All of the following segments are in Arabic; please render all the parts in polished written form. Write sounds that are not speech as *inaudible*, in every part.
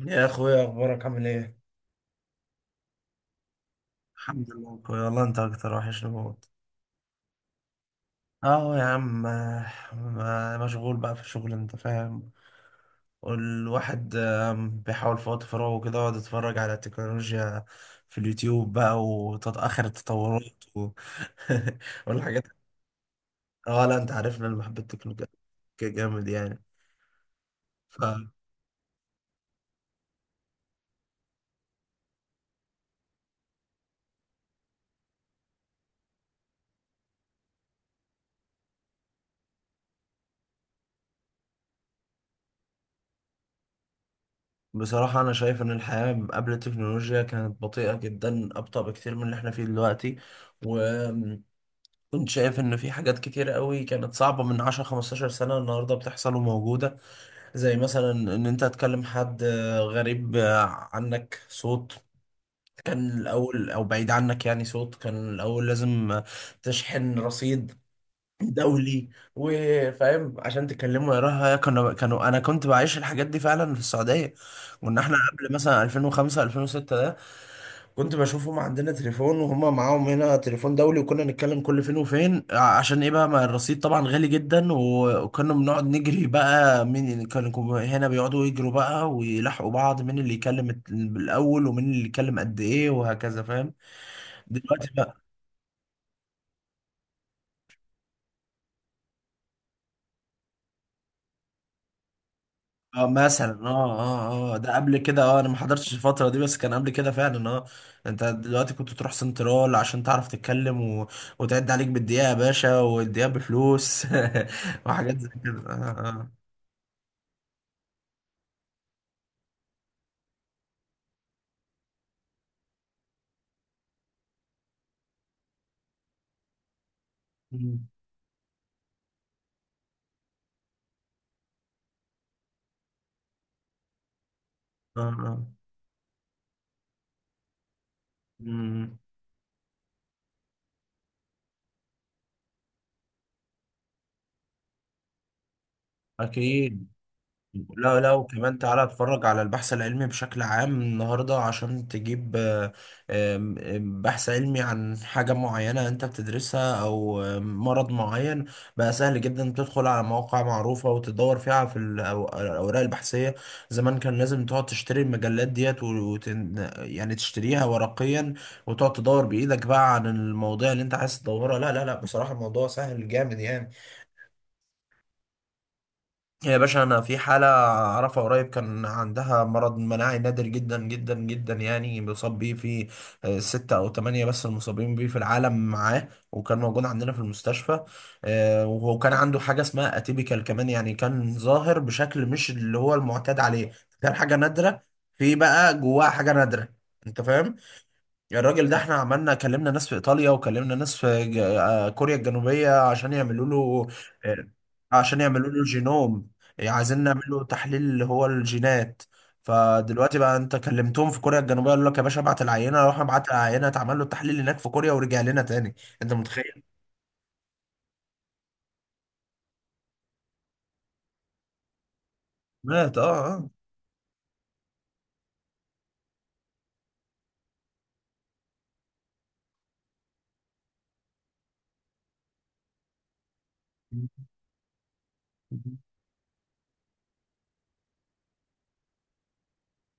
يا اخويا، اخبارك عامل ايه؟ الحمد لله أخويا، والله انت اكتر وحشني موت. اه يا عم، مشغول بقى في الشغل، انت فاهم. والواحد بيحاول في وقت فراغه كده يقعد يتفرج على التكنولوجيا في اليوتيوب بقى وتتأخر التطورات *laughs* والحاجات. اه لا، انت عارفنا اللي بحب التكنولوجيا جامد يعني. فبصراحة أنا شايف إن الحياة قبل التكنولوجيا كانت بطيئة جدا، أبطأ بكتير من اللي إحنا فيه دلوقتي. كنت شايف ان في حاجات كتير قوي كانت صعبة من 10 15 سنة النهاردة بتحصل وموجودة. زي مثلا ان انت تكلم حد غريب عنك، صوت كان الاول، او بعيد عنك يعني، صوت كان الاول لازم تشحن رصيد دولي وفاهم عشان تكلمه يراها. كانوا انا كنت بعيش الحاجات دي فعلا في السعودية. كنا احنا قبل مثلا 2005 2006 ده، كنت بشوفهم عندنا تليفون وهما معاهم هنا تليفون دولي، وكنا نتكلم كل فين وفين، عشان ايه بقى؟ ما الرصيد طبعا غالي جدا، وكنا بنقعد نجري بقى مين اللي كان، هنا بيقعدوا يجروا بقى ويلحقوا بعض مين اللي يكلم الاول ومين اللي يكلم قد ايه وهكذا، فاهم؟ دلوقتي اه، مثلا، اه ده قبل كده، اه، انا ما حضرتش الفترة دي، بس كان قبل كده فعلا، اه. انت دلوقتي كنت تروح سنترال عشان تعرف تتكلم وتعد عليك بالدقيقة يا باشا، والدقيقة بفلوس. *laughs* وحاجات زي كده، اه. مم. اه اه. مم. اكيد. لا لا، وكمان تعالى اتفرج على البحث العلمي بشكل عام النهارده. عشان تجيب آه، آم، آم، بحث علمي عن حاجة معينة انت بتدرسها او مرض معين، بقى سهل جدا تدخل على مواقع معروفة وتدور فيها في الاوراق البحثية. زمان كان لازم تقعد تشتري المجلات ديت يعني تشتريها ورقيا، وتقعد تدور بإيدك بقى عن المواضيع اللي انت عايز تدورها. لا لا لا، بصراحة الموضوع سهل جامد يعني. يا باشا، انا في حاله اعرفها قريب كان عندها مرض مناعي نادر جدا جدا جدا، يعني بيصاب بيه في ستة او ثمانية بس المصابين بيه في العالم. معاه وكان موجود عندنا في المستشفى. وكان عنده حاجه اسمها اتيبيكال كمان، يعني كان ظاهر بشكل مش اللي هو المعتاد عليه. كان حاجه نادره في بقى جواها حاجه نادره، انت فاهم؟ الراجل ده احنا عملنا، كلمنا ناس في ايطاليا، وكلمنا ناس في كوريا الجنوبية عشان يعملوا له. آه، عشان يعملوا له جينوم، يعني عايزين نعمل له تحليل اللي هو الجينات. فدلوقتي بقى انت كلمتهم في كوريا الجنوبية، قالوا لك يا باشا ابعت العينة، راح ابعت العينة، اتعمل له التحليل هناك في كوريا ورجع لنا تاني. انت متخيل؟ مات، اه اه.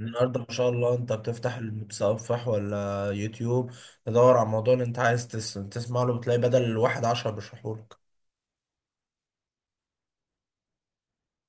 النهارده ما شاء الله انت بتفتح المتصفح ولا يوتيوب، تدور على الموضوع اللي انت عايز تسمع له، بتلاقي بدل الواحد 10 بيشرحوا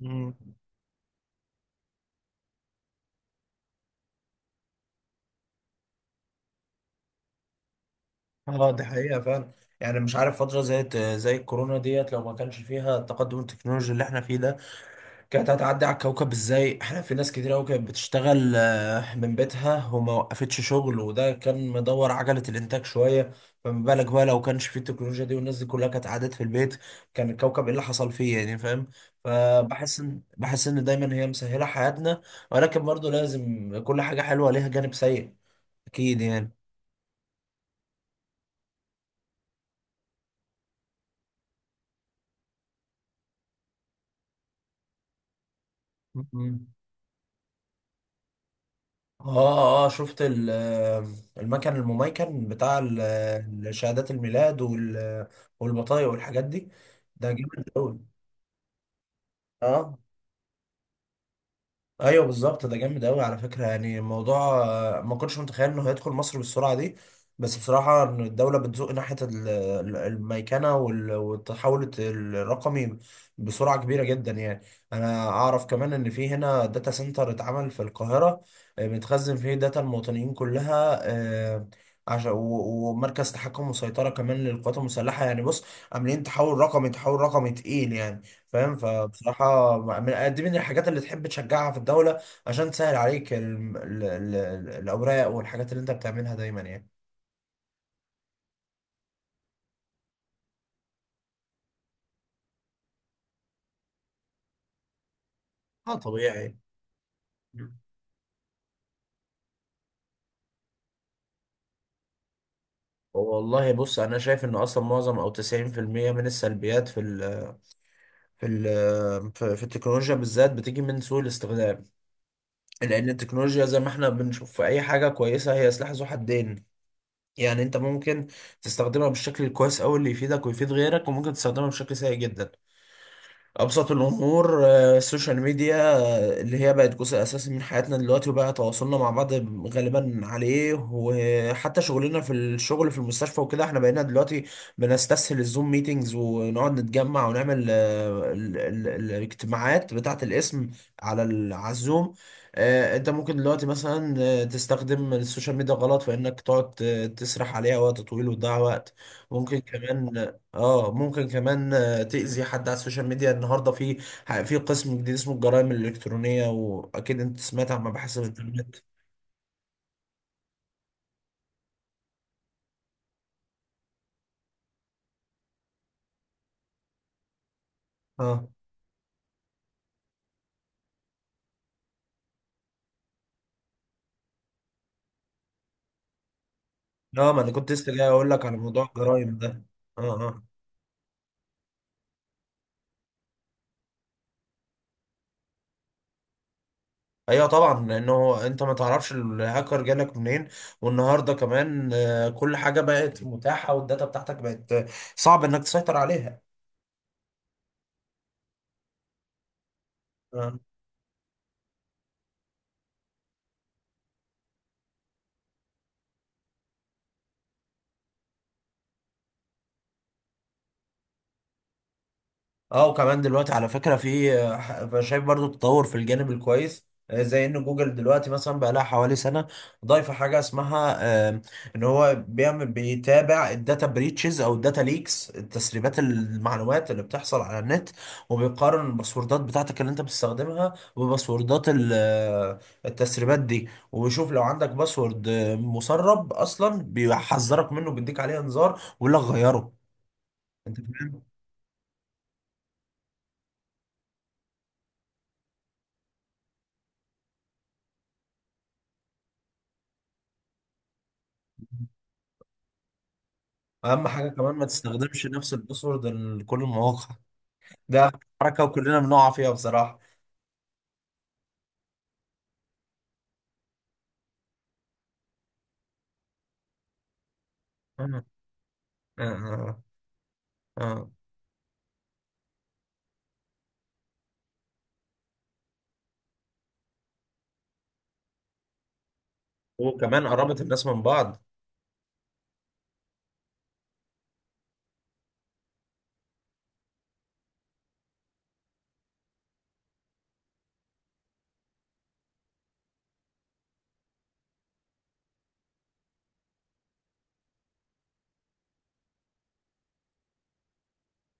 لك. اه دي حقيقة فعلا. يعني مش عارف، فترة زي الكورونا ديت، لو ما كانش فيها التقدم التكنولوجي اللي احنا فيه ده، كانت هتعدي على الكوكب ازاي؟ احنا في ناس كتير قوي كانت بتشتغل من بيتها وما وقفتش شغل، وده كان مدور عجلة الانتاج شوية. فما بالك بقى لو كانش فيه التكنولوجيا دي، والناس دي كلها كانت قعدت في البيت، كان الكوكب ايه اللي حصل فيه يعني، فاهم؟ فبحس ان دايما هي مسهلة حياتنا، ولكن برضو لازم كل حاجة حلوة ليها جانب سيء. اكيد يعني. اه اه. شفت المكن المميكن بتاع شهادات الميلاد والبطايق والحاجات دي؟ ده جامد قوي. اه، ايوه بالظبط، ده جامد قوي على فكره. يعني الموضوع ما كنتش متخيل انه هيدخل مصر بالسرعه دي. بس بصراحه إن الدوله بتزق ناحيه الميكنه والتحول الرقمي بسرعه كبيره جدا يعني. انا اعرف كمان ان في هنا داتا سنتر اتعمل في القاهره، بتخزن فيه داتا المواطنين كلها، آه، عشان ومركز تحكم وسيطره كمان للقوات المسلحه. يعني بص، عاملين تحول رقمي، تحول رقمي تقيل يعني، فاهم؟ فبصراحة من دي من الحاجات اللي تحب تشجعها في الدولة، عشان تسهل عليك الأوراق والحاجات اللي أنت بتعملها دايما يعني. اه طبيعي. والله بص، أنا شايف إن أصلا معظم أو 90% من السلبيات في ال في ال في في التكنولوجيا بالذات بتيجي من سوء الاستخدام. لأن التكنولوجيا زي ما إحنا بنشوف في أي حاجة كويسة، هي سلاح ذو حدين. يعني أنت ممكن تستخدمها بالشكل الكويس أوي اللي يفيدك ويفيد غيرك، وممكن تستخدمها بشكل سيء جدا. أبسط الأمور السوشيال ميديا، اللي هي بقت جزء أساسي من حياتنا دلوقتي، وبقى تواصلنا مع بعض غالبا عليه، وحتى شغلنا في الشغل في المستشفى وكده. احنا بقينا دلوقتي بنستسهل الزوم ميتينجز، ونقعد نتجمع ونعمل الاجتماعات بتاعة الاسم على على الزوم. انت ممكن دلوقتي مثلا، تستخدم السوشيال ميديا غلط في انك تقعد تسرح عليها وقت طويل وتضيع وقت. ممكن كمان تأذي حد على السوشيال ميديا. النهارده في قسم جديد اسمه الجرائم الإلكترونية، وأكيد أنت سمعت عن مباحث الإنترنت. اه لا، ما أنا كنت لسه جاي أقول لك على موضوع الجرائم ده. اه اه. أيوه طبعا، لأنه أنت ما تعرفش الهاكر جالك منين. والنهارده كمان كل حاجة بقت متاحة، والداتا بتاعتك بقت صعب إنك تسيطر عليها. آه، اه وكمان دلوقتي على فكرة في، أنا شايف برضو تطور في الجانب الكويس، زي ان جوجل دلوقتي مثلا بقى لها حوالي سنة ضايفة حاجة اسمها آه، ان هو بيعمل، بيتابع الداتا بريتشز او الداتا ليكس، تسريبات المعلومات اللي بتحصل على النت، وبيقارن الباسوردات بتاعتك اللي انت بتستخدمها بباسوردات التسريبات دي، وبيشوف لو عندك باسورد مسرب اصلا بيحذرك منه، بيديك عليه انذار ويقول لك غيره، انت فاهم؟ اهم حاجه كمان ما تستخدمش نفس الباسورد لكل المواقع. ده حركه وكلنا بنقع فيها بصراحه. آه، آه، آه. وكمان قربت الناس من بعض.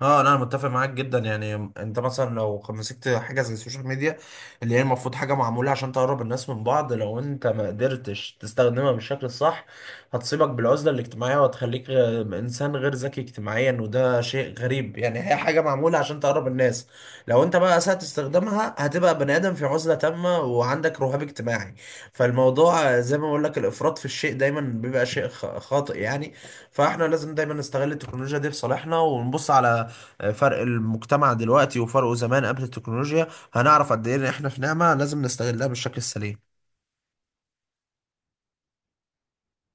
اه لا، انا متفق معاك جدا. يعني انت مثلا لو مسكت حاجه زي السوشيال ميديا، اللي هي المفروض حاجه معموله عشان تقرب الناس من بعض، لو انت ما قدرتش تستخدمها بالشكل الصح، هتصيبك بالعزله الاجتماعيه، وهتخليك انسان غير ذكي اجتماعيا. وده شيء غريب يعني، هي حاجه معموله عشان تقرب الناس، لو انت بقى اسأت استخدامها هتبقى بني ادم في عزله تامه وعندك رهاب اجتماعي. فالموضوع زي ما بقول لك، الافراط في الشيء دايما بيبقى شيء خاطئ يعني. فاحنا لازم دايما نستغل التكنولوجيا دي في صالحنا، ونبص على فرق المجتمع دلوقتي وفرقه زمان قبل التكنولوجيا، هنعرف قد ايه ان احنا في نعمة لازم نستغلها بالشكل السليم.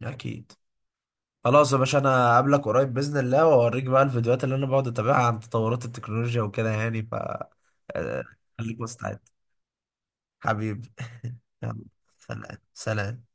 اكيد. خلاص يا باشا، انا هقابلك قريب باذن الله، واوريك بقى الفيديوهات اللي انا بقعد اتابعها عن تطورات التكنولوجيا وكده يعني، ف آه، خليك مستعد حبيبي. *laughs* يلا، سلام سلام.